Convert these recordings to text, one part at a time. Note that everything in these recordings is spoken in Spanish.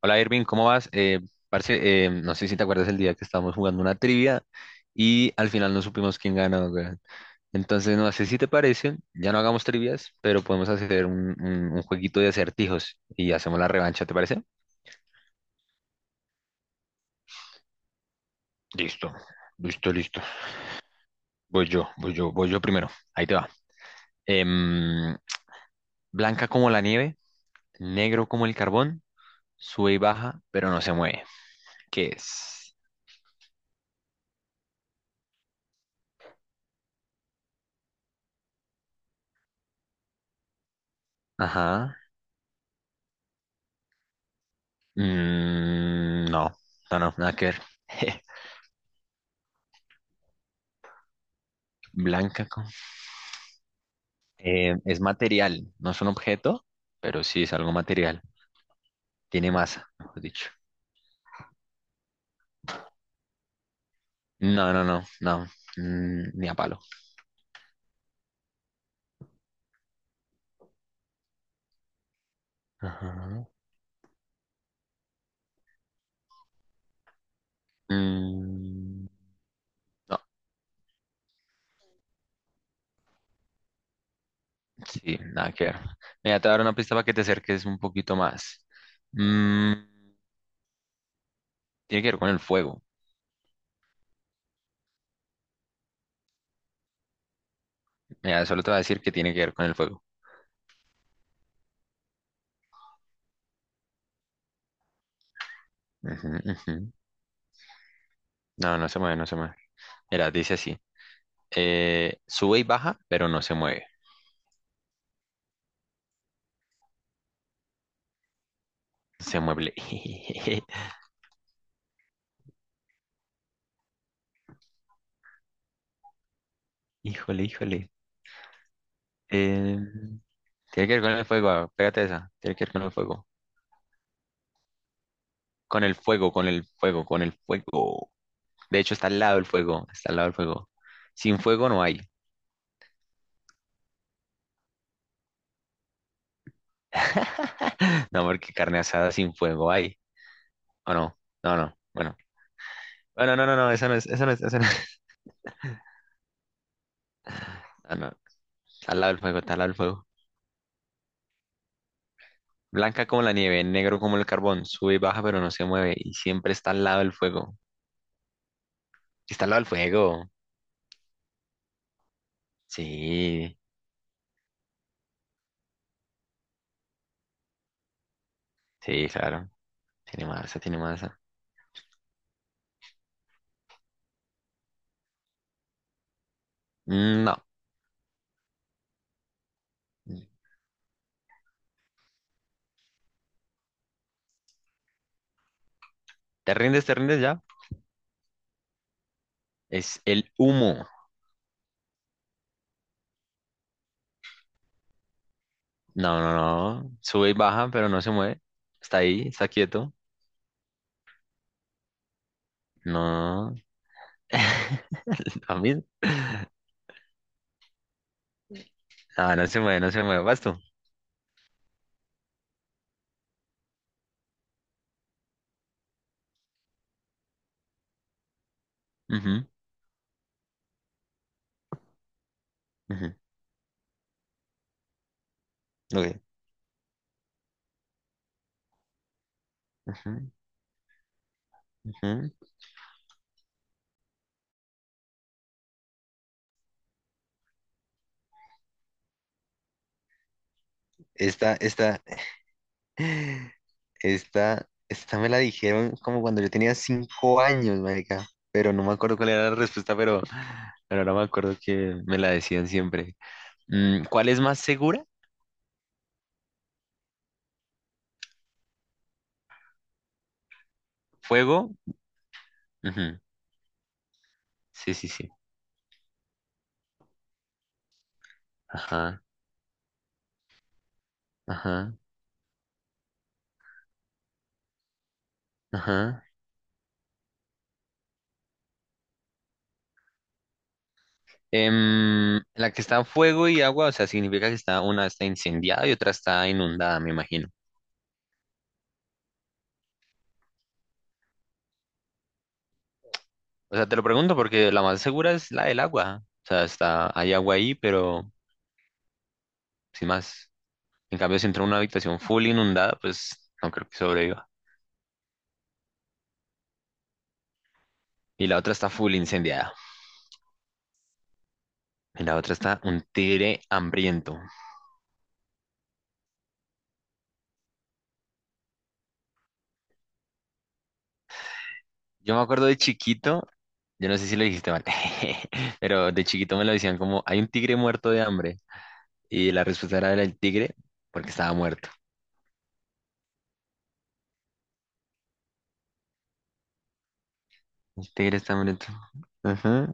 Hola Irving, ¿cómo vas? Parce, no sé si te acuerdas el día que estábamos jugando una trivia y al final no supimos quién ganó, weón. Entonces, no sé si te parece, ya no hagamos trivias, pero podemos hacer un jueguito de acertijos y hacemos la revancha, ¿te parece? Listo, listo, listo. Voy yo primero. Ahí te va. Em, Blanca como la nieve, negro como el carbón, sube y baja, pero no se mueve. ¿Qué es? Ajá. No, no, no, nada que ver. Blanca con- es material, no es un objeto, pero sí es algo material. Tiene masa, mejor dicho. No, no, no, no. Ni a palo. Ajá. Mm, no, sí, nada que ver. Mira, te voy a dar una pista para que te acerques un poquito más. Mm, Tiene que ver con el fuego. Mira, solo te voy a decir que tiene que ver con el fuego. Ujú, ujú. No, no se mueve, no se mueve. Mira, dice así. Sube y baja, pero no se mueve. Se mueve. Híjole, híjole. Eh, Tiene que ver con el fuego, ah, pégate esa. Tiene que ver con el fuego. Con el fuego, con el fuego, con el fuego. De hecho, está al lado del fuego, está al lado del fuego. Sin fuego no hay. No, porque carne asada sin fuego hay. ¿O no? No, no. Bueno. Bueno, no, no, no, esa no es, esa no es, esa no es. Ah, no. Está al lado del fuego, está al lado del fuego. Blanca como la nieve, negro como el carbón. Sube y baja, pero no se mueve. Y siempre está al lado del fuego. Está al lado del fuego. Sí, sí, claro. Tiene masa, tiene masa. No. Te rindes ya? Es el humo. No, no, no. Sube y baja, pero no se mueve. Está ahí, está quieto. No. ¿A mí? No, no se mueve, no se mueve. Vas tú. Ujú, ujú, ok, ujú, ujú. Esta, esta, esta me la dijeron como cuando yo tenía 5 años, marica. Pero no me acuerdo cuál era la respuesta, pero ahora me acuerdo que me la decían siempre. ¿Cuál es más segura? ¿Fuego? Ujú, sí, sí, sí. Ajá. Ajá, ajá. La que está en fuego y agua, o sea, significa que está, una está incendiada y otra está inundada, me imagino. O sea, te lo pregunto porque la más segura es la del agua. O sea, está, hay agua ahí, pero sin más. En cambio, si entra a una habitación full inundada, pues no creo que sobreviva. Y la otra está full incendiada. Y la otra está un tigre hambriento. Yo me acuerdo de chiquito, yo no sé si lo dijiste mal, pero de chiquito me lo decían como, hay un tigre muerto de hambre. Y la respuesta era el tigre, porque estaba muerto. El tigre está muerto. Ajá.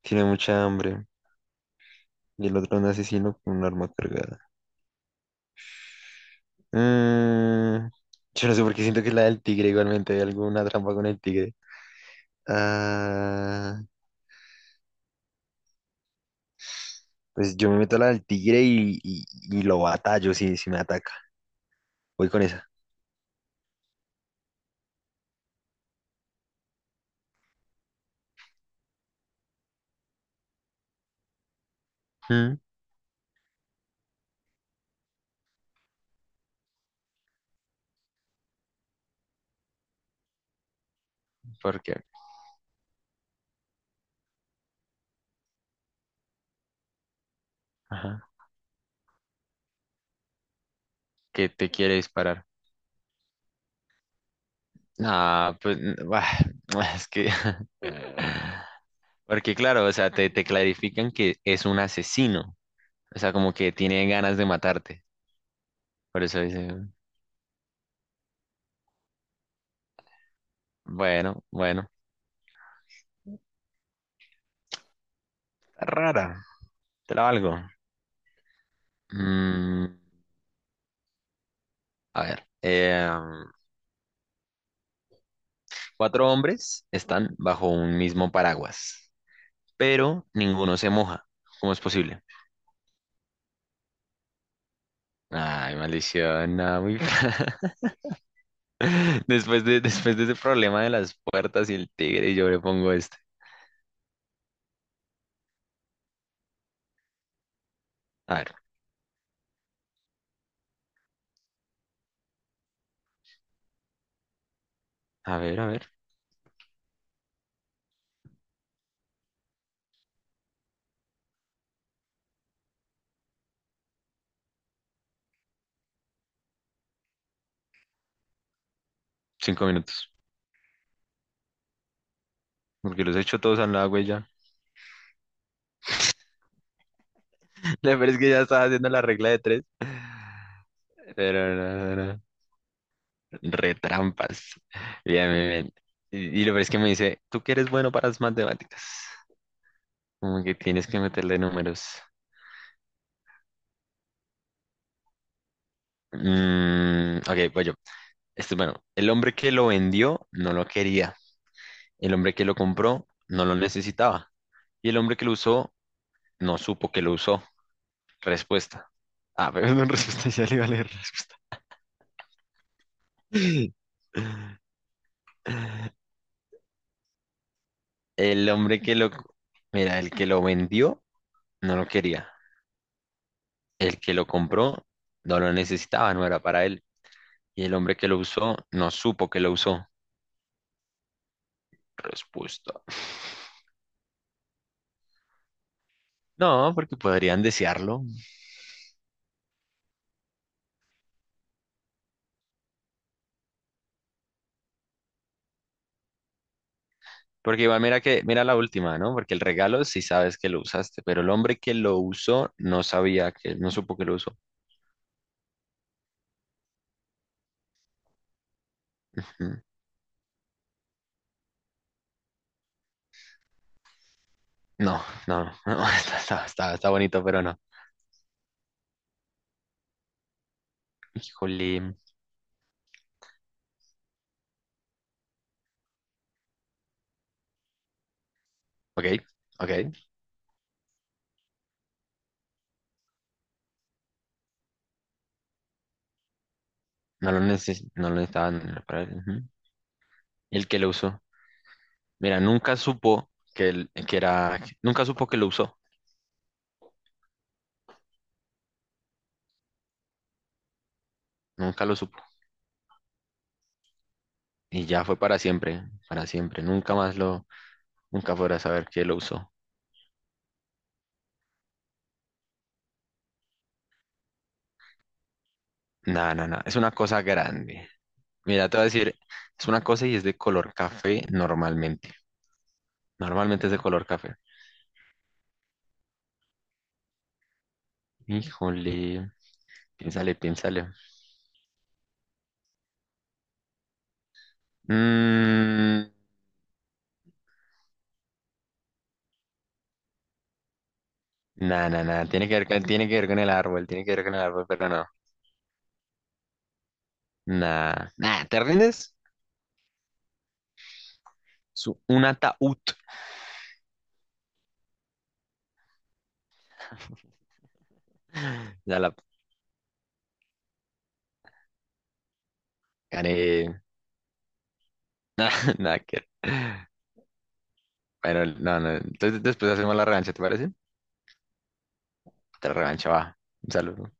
Tiene mucha hambre. Y el otro un asesino con un arma cargada. Mm, yo no sé por qué siento que es la del tigre igualmente. Hay alguna trampa con el tigre. Ah, pues yo me meto a la del tigre y lo batallo si me ataca. Voy con esa. Mm, ¿Por qué? Ajá. Que te quiere disparar. Ah, pues, bah, es que Porque claro, o sea, te clarifican que es un asesino. O sea, como que tiene ganas de matarte. Por eso dice, bueno, bueno, rara, te la valgo. Mm, a ver, cuatro hombres están bajo un mismo paraguas, pero ninguno se moja. ¿Cómo es posible? Ay, maldición, no, muy fea. Después de ese problema de las puertas y el tigre, yo le pongo este. A ver, a ver, a ver. 5 minutos. Porque los he hecho todos al agua y ya le parece que ya estaba haciendo la regla de tres. Pero no, no, no. Retrampas. Bien, bien, bien. Y lo peor es que me dice, tú que eres bueno para las matemáticas. Como que tienes que meterle números. Ok, voy yo. Este, bueno, el hombre que lo vendió no lo quería. El hombre que lo compró no lo necesitaba. Y el hombre que lo usó no supo que lo usó. Respuesta. Ah, pero no respuesta, ya le iba a leer respuesta. El hombre que lo, el que lo vendió no lo quería. El que lo compró no lo necesitaba, no era para él. Y el hombre que lo usó no supo que lo usó. Respuesta. No, porque podrían desearlo. Porque igual mira que, mira la última, ¿no? Porque el regalo sí sabes que lo usaste, pero el hombre que lo usó no sabía que, no supo que lo usó. Ujú. No, no, no, está bonito, pero no. Híjole. Ok, ok. No lo necesitaban para él. Ujú. El que lo usó. Mira, nunca supo que era, nunca supo que lo usó, nunca lo supo. Y ya fue para siempre, para siempre. Nunca más nunca podrá saber que lo usó. Nada, nada, nada. Es una cosa grande. Mira, te voy a decir, es una cosa y es de color café normalmente. Normalmente es de color café. Híjole, piénsale, piénsale. Mmm, Nada, nada, nada. Tiene que ver con el árbol, tiene que ver con el árbol, pero no. Nada, nada. ¿Te rindes? Un ataúd. Ya la Gané. Nada, nada que ver. Bueno, no, no. Entonces después hacemos la revancha, ¿te parece? Otra revancha, va. Un saludo.